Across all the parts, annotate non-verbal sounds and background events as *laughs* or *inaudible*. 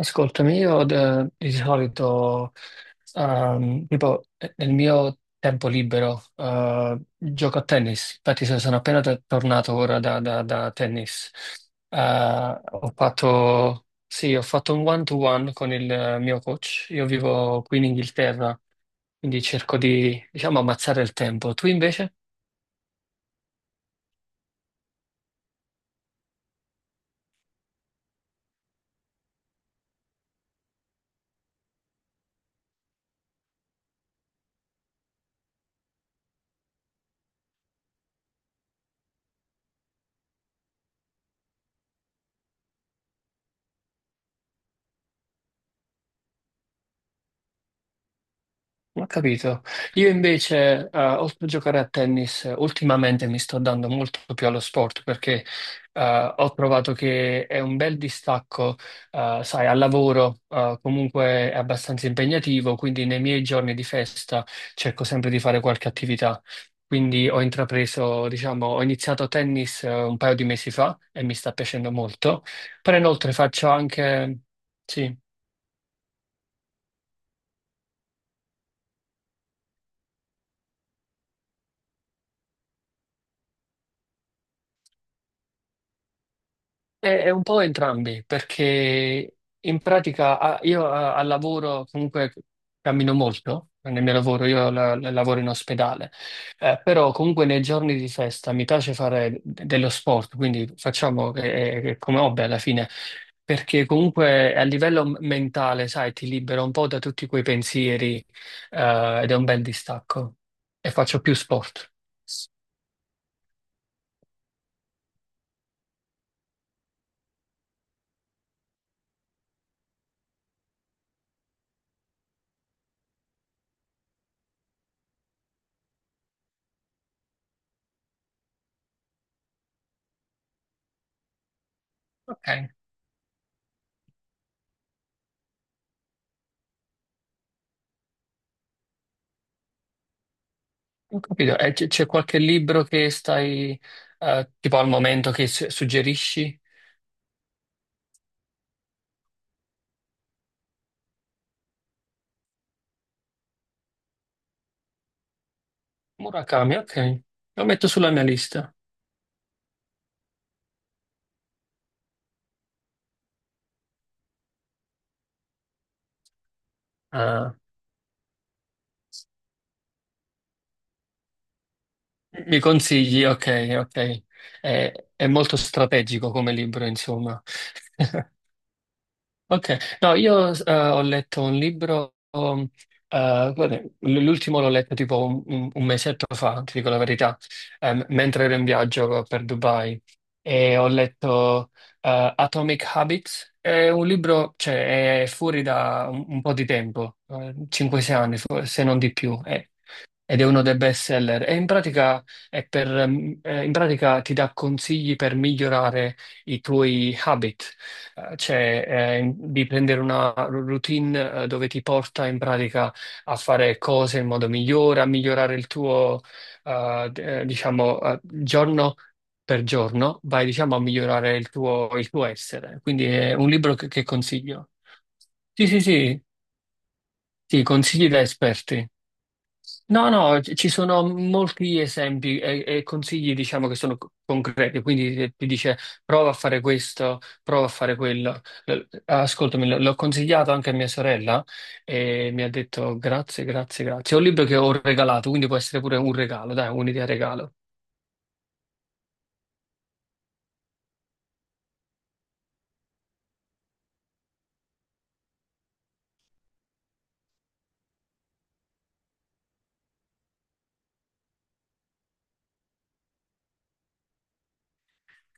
Ascoltami, io di solito, tipo, nel mio tempo libero, gioco a tennis. Infatti, sono appena tornato ora da tennis. Eh, ho fatto, sì, ho fatto un one-to-one con il mio coach. Io vivo qui in Inghilterra, quindi cerco di, diciamo, ammazzare il tempo. Tu invece? Ho capito. Io invece, oltre a giocare a tennis, ultimamente mi sto dando molto più allo sport, perché ho trovato che è un bel distacco, sai, al lavoro comunque è abbastanza impegnativo, quindi nei miei giorni di festa cerco sempre di fare qualche attività. Quindi ho intrapreso, diciamo, ho iniziato tennis un paio di mesi fa e mi sta piacendo molto, però inoltre faccio anche... Sì. È un po' entrambi, perché in pratica io al lavoro comunque cammino molto, nel mio lavoro io lavoro in ospedale, però comunque nei giorni di festa mi piace fare dello sport, quindi facciamo come hobby alla fine, perché comunque a livello mentale, sai, ti libera un po' da tutti quei pensieri, ed è un bel distacco e faccio più sport. Ok. Ho capito. E c'è qualche libro che stai, tipo al momento, che suggerisci? Murakami, ok. Lo metto sulla mia lista. Ah, mi consigli? Ok, ok. È molto strategico come libro, insomma. *laughs* Ok, no, io ho letto un libro, guarda, l'ultimo l'ho letto tipo un mesetto fa, ti dico la verità, mentre ero in viaggio per Dubai, e ho letto Atomic Habits. È un libro, cioè, è fuori da un po' di tempo, 5-6 anni forse, se non di più, ed è uno dei best seller. E in pratica, ti dà consigli per migliorare i tuoi habit. Cioè di prendere una routine dove ti porta in pratica a fare cose in modo migliore, a migliorare il tuo, diciamo, giorno per giorno, vai, diciamo, a migliorare il tuo essere. Quindi è un libro che consiglio. Sì, sì, sì, sì, consigli da esperti. No, no, ci sono molti esempi e consigli, diciamo, che sono concreti. Quindi ti dice prova a fare questo, prova a fare quello. Ascoltami, l'ho consigliato anche a mia sorella e mi ha detto grazie, grazie, grazie. È un libro che ho regalato, quindi può essere pure un regalo, dai, un'idea regalo.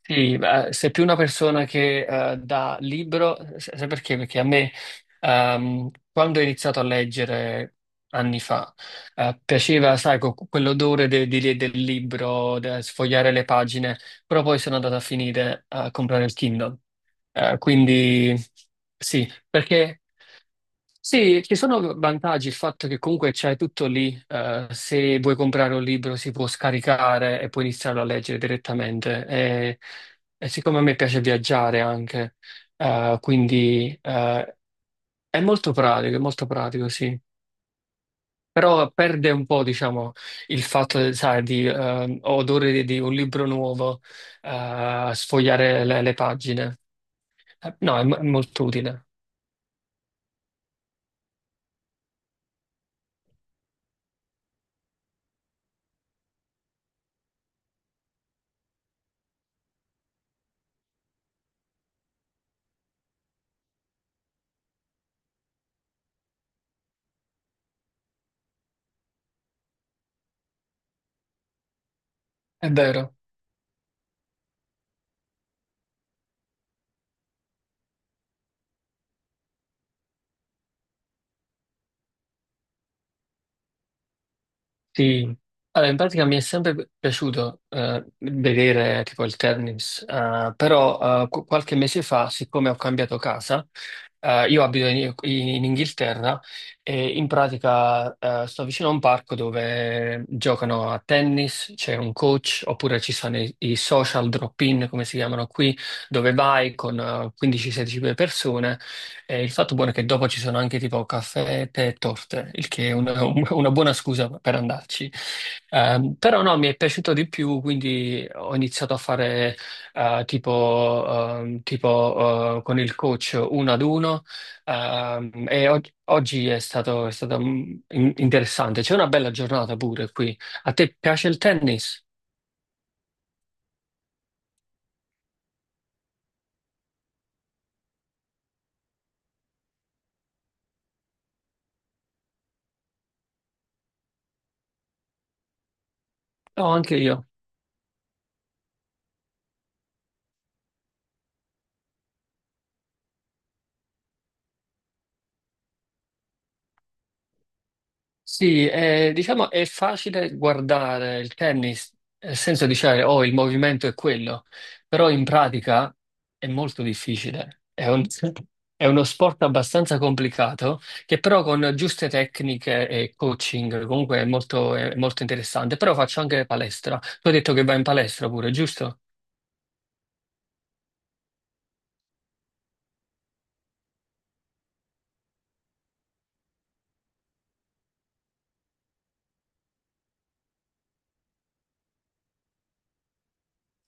Sì, sei più una persona che dà libro, sai perché? Perché a me, quando ho iniziato a leggere anni fa, piaceva, sai, quell'odore del libro, sfogliare le pagine, però poi sono andato a finire a comprare il Kindle. Quindi sì, perché sì, ci sono vantaggi, il fatto che comunque c'hai tutto lì, se vuoi comprare un libro si può scaricare e puoi iniziarlo a leggere direttamente. E siccome a me piace viaggiare anche, quindi è molto pratico, sì. Però perde un po', diciamo, il fatto, sai, di odore di un libro nuovo, sfogliare le pagine. No, è molto utile, è vero. Sì, allora in pratica mi è sempre piaciuto vedere tipo il tennis, però qualche mese fa, siccome ho cambiato casa, io abito in Inghilterra. E in pratica sto vicino a un parco dove giocano a tennis, c'è un coach, oppure ci sono i social drop-in, come si chiamano qui, dove vai con 15-16 persone, e il fatto buono è che dopo ci sono anche tipo caffè, tè e torte, il che è una, *laughs* un- una buona scusa per andarci. Però no, mi è piaciuto di più, quindi ho iniziato a fare tipo, tipo, con il coach uno ad uno. E oggi è stato, interessante. C'è una bella giornata pure qui. A te piace il tennis? No, anche io. Sì, diciamo è facile guardare il tennis, nel senso di dire, oh, il movimento è quello, però in pratica è molto difficile. È uno sport abbastanza complicato, che però con giuste tecniche e coaching comunque è molto interessante. Però faccio anche palestra. Tu hai detto che vai in palestra pure, giusto?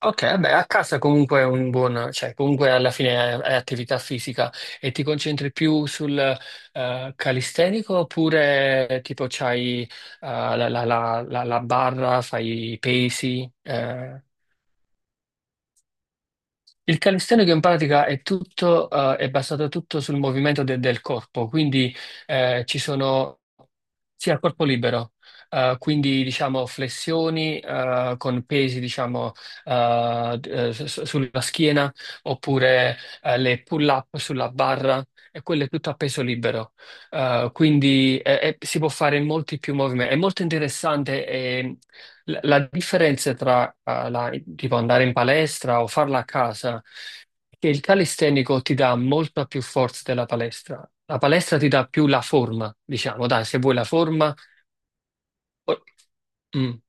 Ok, beh, a casa comunque è un buon, cioè comunque alla fine è attività fisica, e ti concentri più sul calistenico oppure tipo c'hai la barra, fai i pesi? Eh? Il calisthenico in pratica è tutto, è basato tutto sul movimento del corpo, quindi ci sono sia il corpo libero, quindi diciamo flessioni con pesi, diciamo, sulla schiena, oppure le pull-up sulla barra, e quello è tutto a peso libero. Quindi si può fare molti più movimenti. È molto interessante. La differenza tra tipo andare in palestra o farla a casa, è che il calistenico ti dà molta più forza della palestra. La palestra ti dà più la forma, diciamo, dai, se vuoi la forma. o- Mm.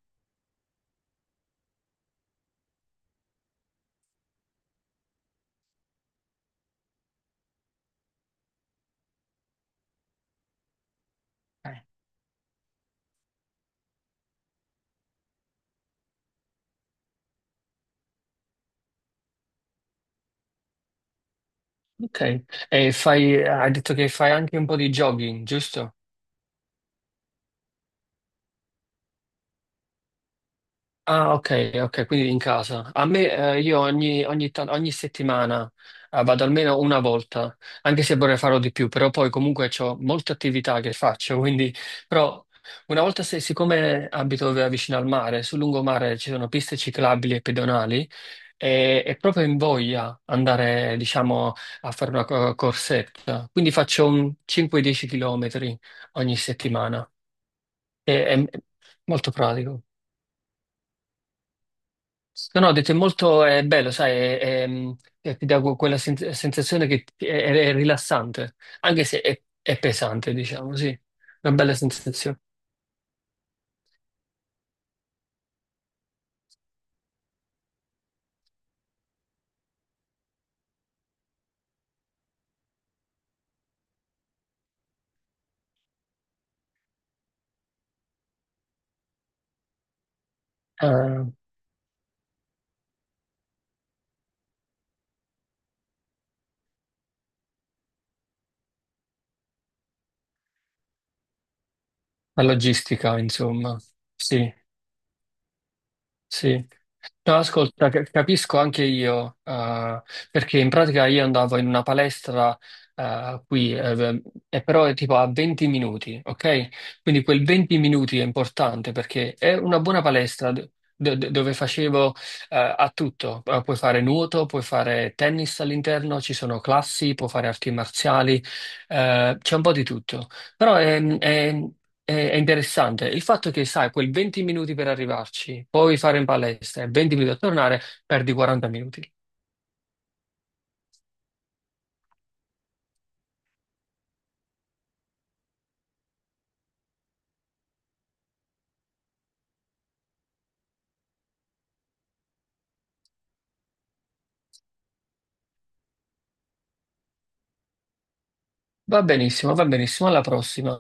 Eh, Ok, e fai, hai detto che fai anche un po' di jogging, giusto? Ah, ok, ok, quindi in casa. A me, io ogni settimana, vado almeno una volta, anche se vorrei farlo di più, però poi comunque ho molte attività che faccio, *laughs* quindi, però una volta, se, siccome abito vicino al mare, sul lungomare ci sono piste ciclabili e pedonali, e proprio in voglia andare, diciamo, a fare una corsetta. Quindi faccio un 5-10 km ogni settimana. È molto pratico. No, no, ho detto è bello, sai, ti dà quella sensazione che è rilassante, anche se è pesante, diciamo, sì, una bella sensazione. Ah, la logistica, insomma, sì. Sì. No, ascolta, capisco anche io, perché in pratica io andavo in una palestra, qui, e però è tipo a 20 minuti, ok? Quindi quel 20 minuti è importante perché è una buona palestra dove facevo, a tutto. Puoi fare nuoto, puoi fare tennis all'interno, ci sono classi, puoi fare arti marziali, c'è un po' di tutto. Però è interessante il fatto che, sai, quel 20 minuti per arrivarci, poi fare in palestra e 20 minuti a tornare, perdi 40 minuti. Va benissimo, alla prossima.